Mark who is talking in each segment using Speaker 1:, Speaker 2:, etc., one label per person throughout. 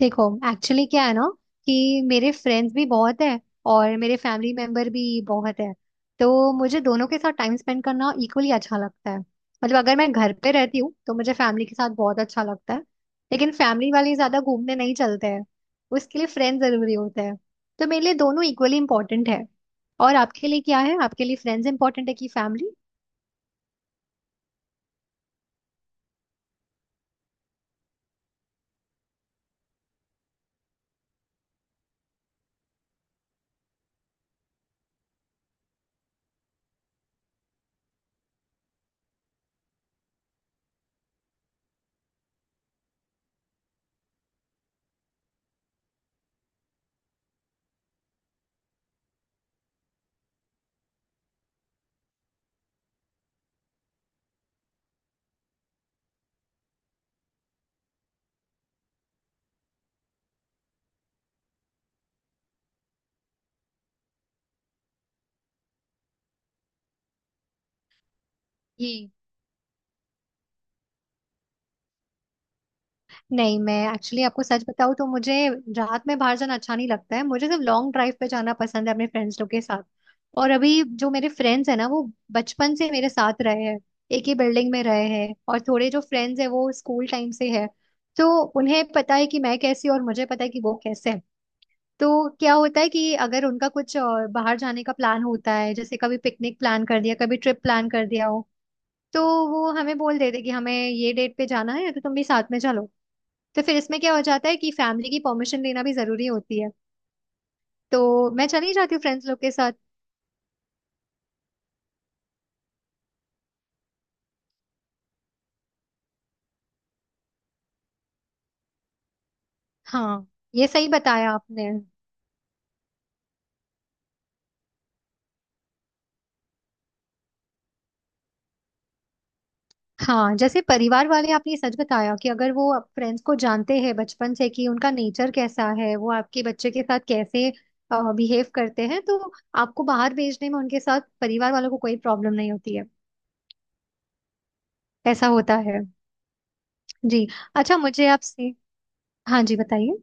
Speaker 1: देखो। एक्चुअली क्या है ना कि मेरे फ्रेंड्स भी बहुत है और मेरे फैमिली मेंबर भी बहुत है। तो मुझे दोनों के साथ टाइम स्पेंड करना इक्वली अच्छा लगता है। मतलब अगर मैं घर पे रहती हूँ तो मुझे फैमिली के साथ बहुत अच्छा लगता है, लेकिन फैमिली वाले ज्यादा घूमने नहीं चलते हैं। उसके लिए फ्रेंड जरूरी होते हैं। तो मेरे लिए दोनों इक्वली इंपॉर्टेंट है। और आपके लिए क्या है? आपके लिए फ्रेंड्स इंपॉर्टेंट है कि फैमिली? नहीं, मैं एक्चुअली आपको सच बताऊं तो मुझे रात में बाहर जाना अच्छा नहीं लगता है। मुझे सिर्फ लॉन्ग ड्राइव पे जाना पसंद है अपने फ्रेंड्स लोग के साथ। और अभी जो मेरे फ्रेंड्स हैं ना, वो बचपन से मेरे साथ रहे हैं, एक ही बिल्डिंग में रहे हैं, और थोड़े जो फ्रेंड्स हैं वो स्कूल टाइम से है। तो उन्हें पता है कि मैं कैसी हूं और मुझे पता है कि वो कैसे हैं। तो क्या होता है कि अगर उनका कुछ बाहर जाने का प्लान होता है, जैसे कभी पिकनिक प्लान कर दिया, कभी ट्रिप प्लान कर दिया हो, तो वो हमें बोल देते कि हमें ये डेट पे जाना है तो तुम भी साथ में चलो। तो फिर इसमें क्या हो जाता है कि फैमिली की परमिशन लेना भी जरूरी होती है। तो मैं चली जाती हूँ फ्रेंड्स लोग के साथ। हाँ, ये सही बताया आपने। हाँ, जैसे परिवार वाले, आपने ये सच बताया कि अगर वो फ्रेंड्स को जानते हैं बचपन से कि उनका नेचर कैसा है, वो आपके बच्चे के साथ कैसे बिहेव करते हैं, तो आपको बाहर भेजने में उनके साथ परिवार वालों को कोई प्रॉब्लम नहीं होती है। ऐसा होता है। जी। अच्छा, मुझे आपसे। हाँ जी, बताइए।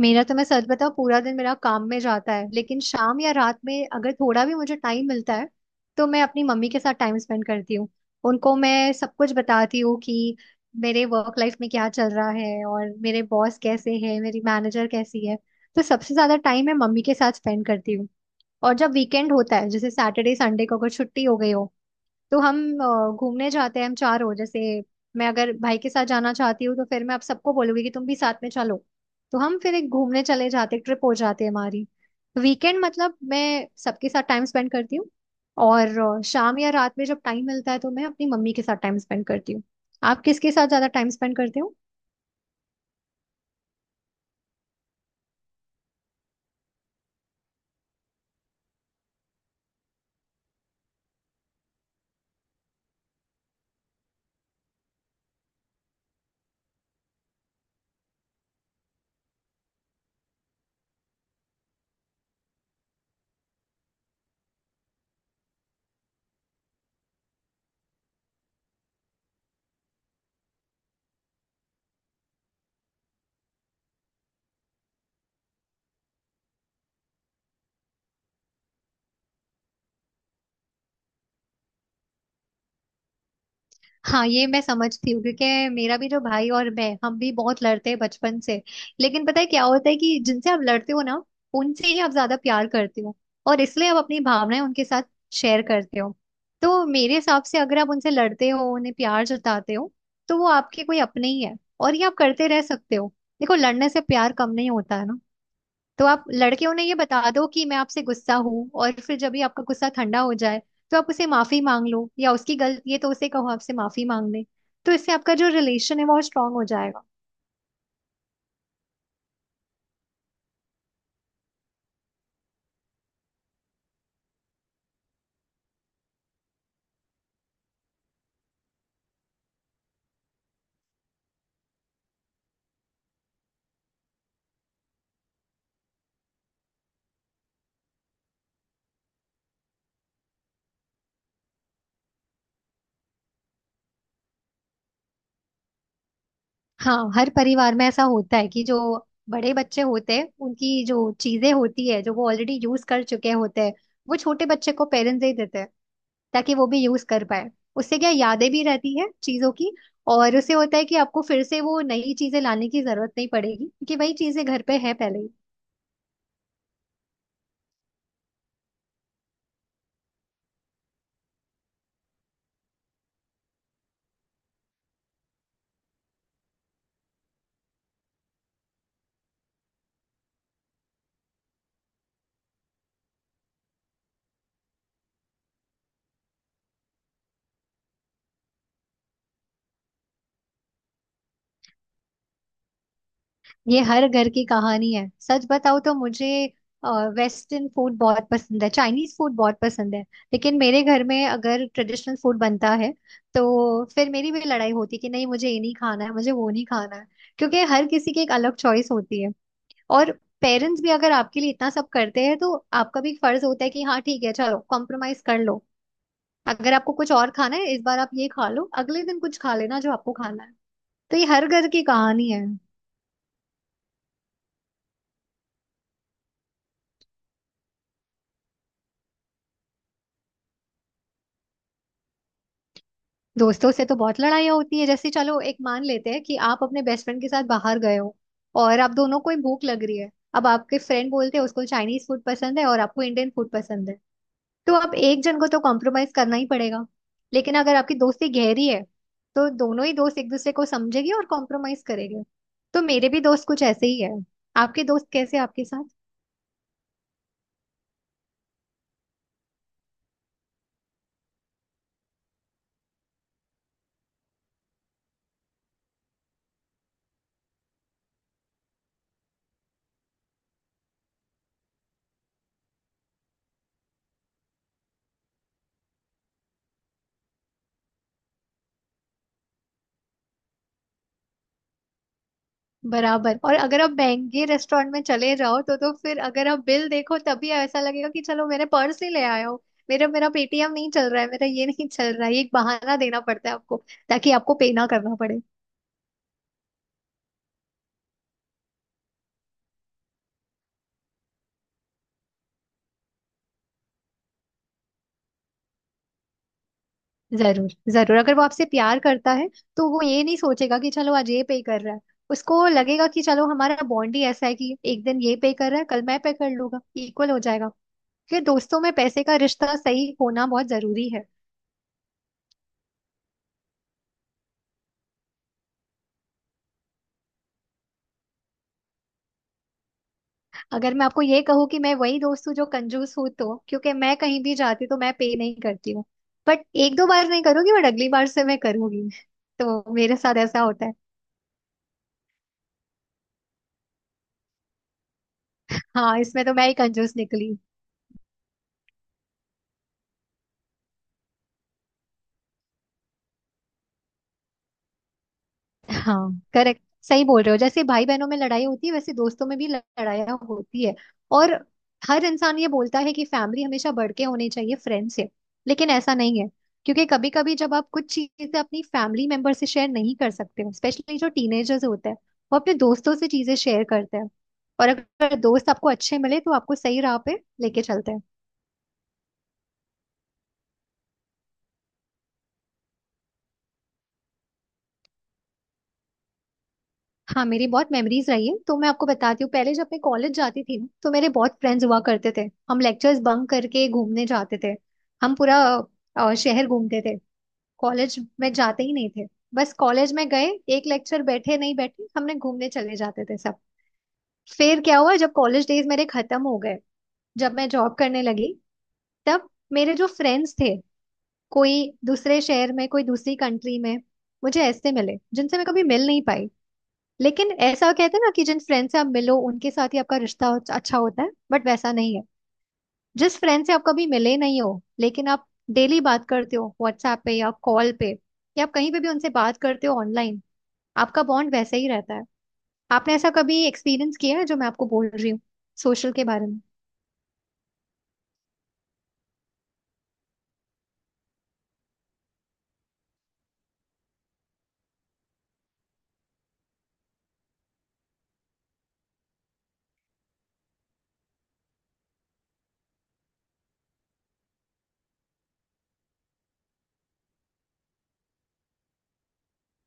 Speaker 1: मेरा तो, मैं सच बताऊं, पूरा दिन मेरा काम में जाता है, लेकिन शाम या रात में अगर थोड़ा भी मुझे टाइम मिलता है तो मैं अपनी मम्मी के साथ टाइम स्पेंड करती हूँ। उनको मैं सब कुछ बताती हूँ कि मेरे वर्क लाइफ में क्या चल रहा है और मेरे बॉस कैसे हैं, मेरी मैनेजर कैसी है। तो सबसे ज्यादा टाइम मैं मम्मी के साथ स्पेंड करती हूँ। और जब वीकेंड होता है, जैसे सैटरडे संडे को अगर छुट्टी हो गई हो, तो हम घूमने जाते हैं। हम चार हो जैसे, मैं अगर भाई के साथ जाना चाहती हूँ तो फिर मैं आप सबको बोलूंगी कि तुम भी साथ में चलो। तो हम फिर एक घूमने चले जाते, ट्रिप हो जाती है हमारी। वीकेंड मतलब मैं सबके साथ टाइम स्पेंड करती हूँ। और शाम या रात में जब टाइम मिलता है तो मैं अपनी मम्मी के साथ टाइम स्पेंड करती हूँ। आप किसके साथ ज्यादा टाइम स्पेंड करते हो? हाँ, ये मैं समझती हूँ, क्योंकि मेरा भी जो भाई और मैं, हम भी बहुत लड़ते हैं बचपन से। लेकिन पता है क्या होता है कि जिनसे आप लड़ते हो ना, उनसे ही आप ज्यादा प्यार करते हो, और इसलिए आप अपनी भावनाएं उनके साथ शेयर करते हो। तो मेरे हिसाब से अगर आप उनसे लड़ते हो, उन्हें प्यार जताते हो, तो वो आपके कोई अपने ही है, और ये आप करते रह सकते हो। देखो, लड़ने से प्यार कम नहीं होता है ना। तो आप लड़के उन्हें ये बता दो कि मैं आपसे गुस्सा हूँ, और फिर जब भी आपका गुस्सा ठंडा हो जाए तो आप उसे माफी मांग लो, या उसकी गलती है तो उसे कहो आपसे माफी मांग ले। तो इससे आपका जो रिलेशन है वो स्ट्रांग हो जाएगा। हाँ, हर परिवार में ऐसा होता है कि जो बड़े बच्चे होते हैं उनकी जो चीजें होती है, जो वो ऑलरेडी यूज कर चुके होते हैं, वो छोटे बच्चे को पेरेंट्स दे देते हैं, ताकि वो भी यूज कर पाए। उससे क्या, यादें भी रहती है चीजों की। और उससे होता है कि आपको फिर से वो नई चीजें लाने की जरूरत नहीं पड़ेगी, क्योंकि वही चीजें घर पे है पहले ही। ये हर घर की कहानी है। सच बताओ तो मुझे वेस्टर्न फूड बहुत पसंद है, चाइनीज फूड बहुत पसंद है। लेकिन मेरे घर में अगर ट्रेडिशनल फूड बनता है तो फिर मेरी भी लड़ाई होती है कि नहीं मुझे ये नहीं खाना है, मुझे वो नहीं खाना है, क्योंकि हर किसी की एक अलग चॉइस होती है। और पेरेंट्स भी अगर आपके लिए इतना सब करते हैं तो आपका भी फर्ज होता है कि हाँ ठीक है, चलो कॉम्प्रोमाइज कर लो। अगर आपको कुछ और खाना है, इस बार आप ये खा लो, अगले दिन कुछ खा लेना जो आपको खाना है। तो ये हर घर की कहानी है। दोस्तों से तो बहुत लड़ाइयाँ होती है। जैसे चलो एक मान लेते हैं कि आप अपने बेस्ट फ्रेंड के साथ बाहर गए हो, और आप दोनों को ही भूख लग रही है। अब आपके फ्रेंड बोलते हैं, उसको चाइनीज फूड पसंद है और आपको इंडियन फूड पसंद है। तो आप एक जन को तो कॉम्प्रोमाइज करना ही पड़ेगा। लेकिन अगर आपकी दोस्ती गहरी है तो दोनों ही दोस्त एक दूसरे को समझेंगे और कॉम्प्रोमाइज करेंगे। तो मेरे भी दोस्त कुछ ऐसे ही है। आपके दोस्त कैसे हैं आपके साथ? बराबर। और अगर आप महंगे रेस्टोरेंट में चले जाओ तो फिर अगर आप बिल देखो तभी ऐसा लगेगा कि चलो मेरे पर्स ही ले आए हो। मेरा मेरा पेटीएम नहीं चल रहा है, मेरा ये नहीं चल रहा है, ये एक बहाना देना पड़ता है आपको ताकि आपको पे ना करना पड़े। जरूर जरूर, अगर वो आपसे प्यार करता है तो वो ये नहीं सोचेगा कि चलो आज ये पे कर रहा है। उसको लगेगा कि चलो हमारा बॉन्ड ही ऐसा है कि एक दिन ये पे कर रहा है, कल मैं पे कर लूंगा, इक्वल हो जाएगा। फिर दोस्तों में पैसे का रिश्ता सही होना बहुत जरूरी है। अगर मैं आपको ये कहूँ कि मैं वही दोस्त हूँ जो कंजूस हूँ, तो क्योंकि मैं कहीं भी जाती तो मैं पे नहीं करती हूँ। बट एक दो बार नहीं करूंगी, बट अगली बार से मैं करूंगी। तो मेरे साथ ऐसा होता है। हाँ, इसमें तो मैं ही कंजूस निकली। हाँ, करेक्ट। सही बोल रहे हो, जैसे भाई बहनों में लड़ाई होती है वैसे दोस्तों में भी लड़ाइयाँ होती है। और हर इंसान ये बोलता है कि फैमिली हमेशा बढ़ के होनी चाहिए फ्रेंड से, लेकिन ऐसा नहीं है। क्योंकि कभी कभी जब आप कुछ चीजें अपनी फैमिली मेंबर से शेयर नहीं कर सकते हो, स्पेशली जो टीनेजर्स होते हैं, वो अपने दोस्तों से चीजें शेयर करते हैं। और अगर दोस्त आपको अच्छे मिले तो आपको सही राह पे लेके चलते हैं। हाँ, मेरी बहुत मेमोरीज रही है तो मैं आपको बताती हूँ। पहले जब मैं कॉलेज जाती थी ना, तो मेरे बहुत फ्रेंड्स हुआ करते थे। हम लेक्चर्स बंक करके घूमने जाते थे। हम पूरा शहर घूमते थे। कॉलेज में जाते ही नहीं थे। बस कॉलेज में गए, एक लेक्चर बैठे नहीं बैठे, हमने घूमने चले जाते थे सब। फिर क्या हुआ, जब कॉलेज डेज मेरे खत्म हो गए, जब मैं जॉब करने लगी, तब मेरे जो फ्रेंड्स थे, कोई दूसरे शहर में, कोई दूसरी कंट्री में, मुझे ऐसे मिले जिनसे मैं कभी मिल नहीं पाई। लेकिन ऐसा कहते हैं ना कि जिन फ्रेंड से आप मिलो उनके साथ ही आपका रिश्ता अच्छा होता है, बट वैसा नहीं है। जिस फ्रेंड से आप कभी मिले नहीं हो, लेकिन आप डेली बात करते हो व्हाट्सएप पे या कॉल पे, या आप कहीं पे भी उनसे बात करते हो ऑनलाइन, आपका बॉन्ड वैसे ही रहता है। आपने ऐसा कभी एक्सपीरियंस किया है जो मैं आपको बोल रही हूँ सोशल के बारे में?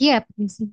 Speaker 1: ये है।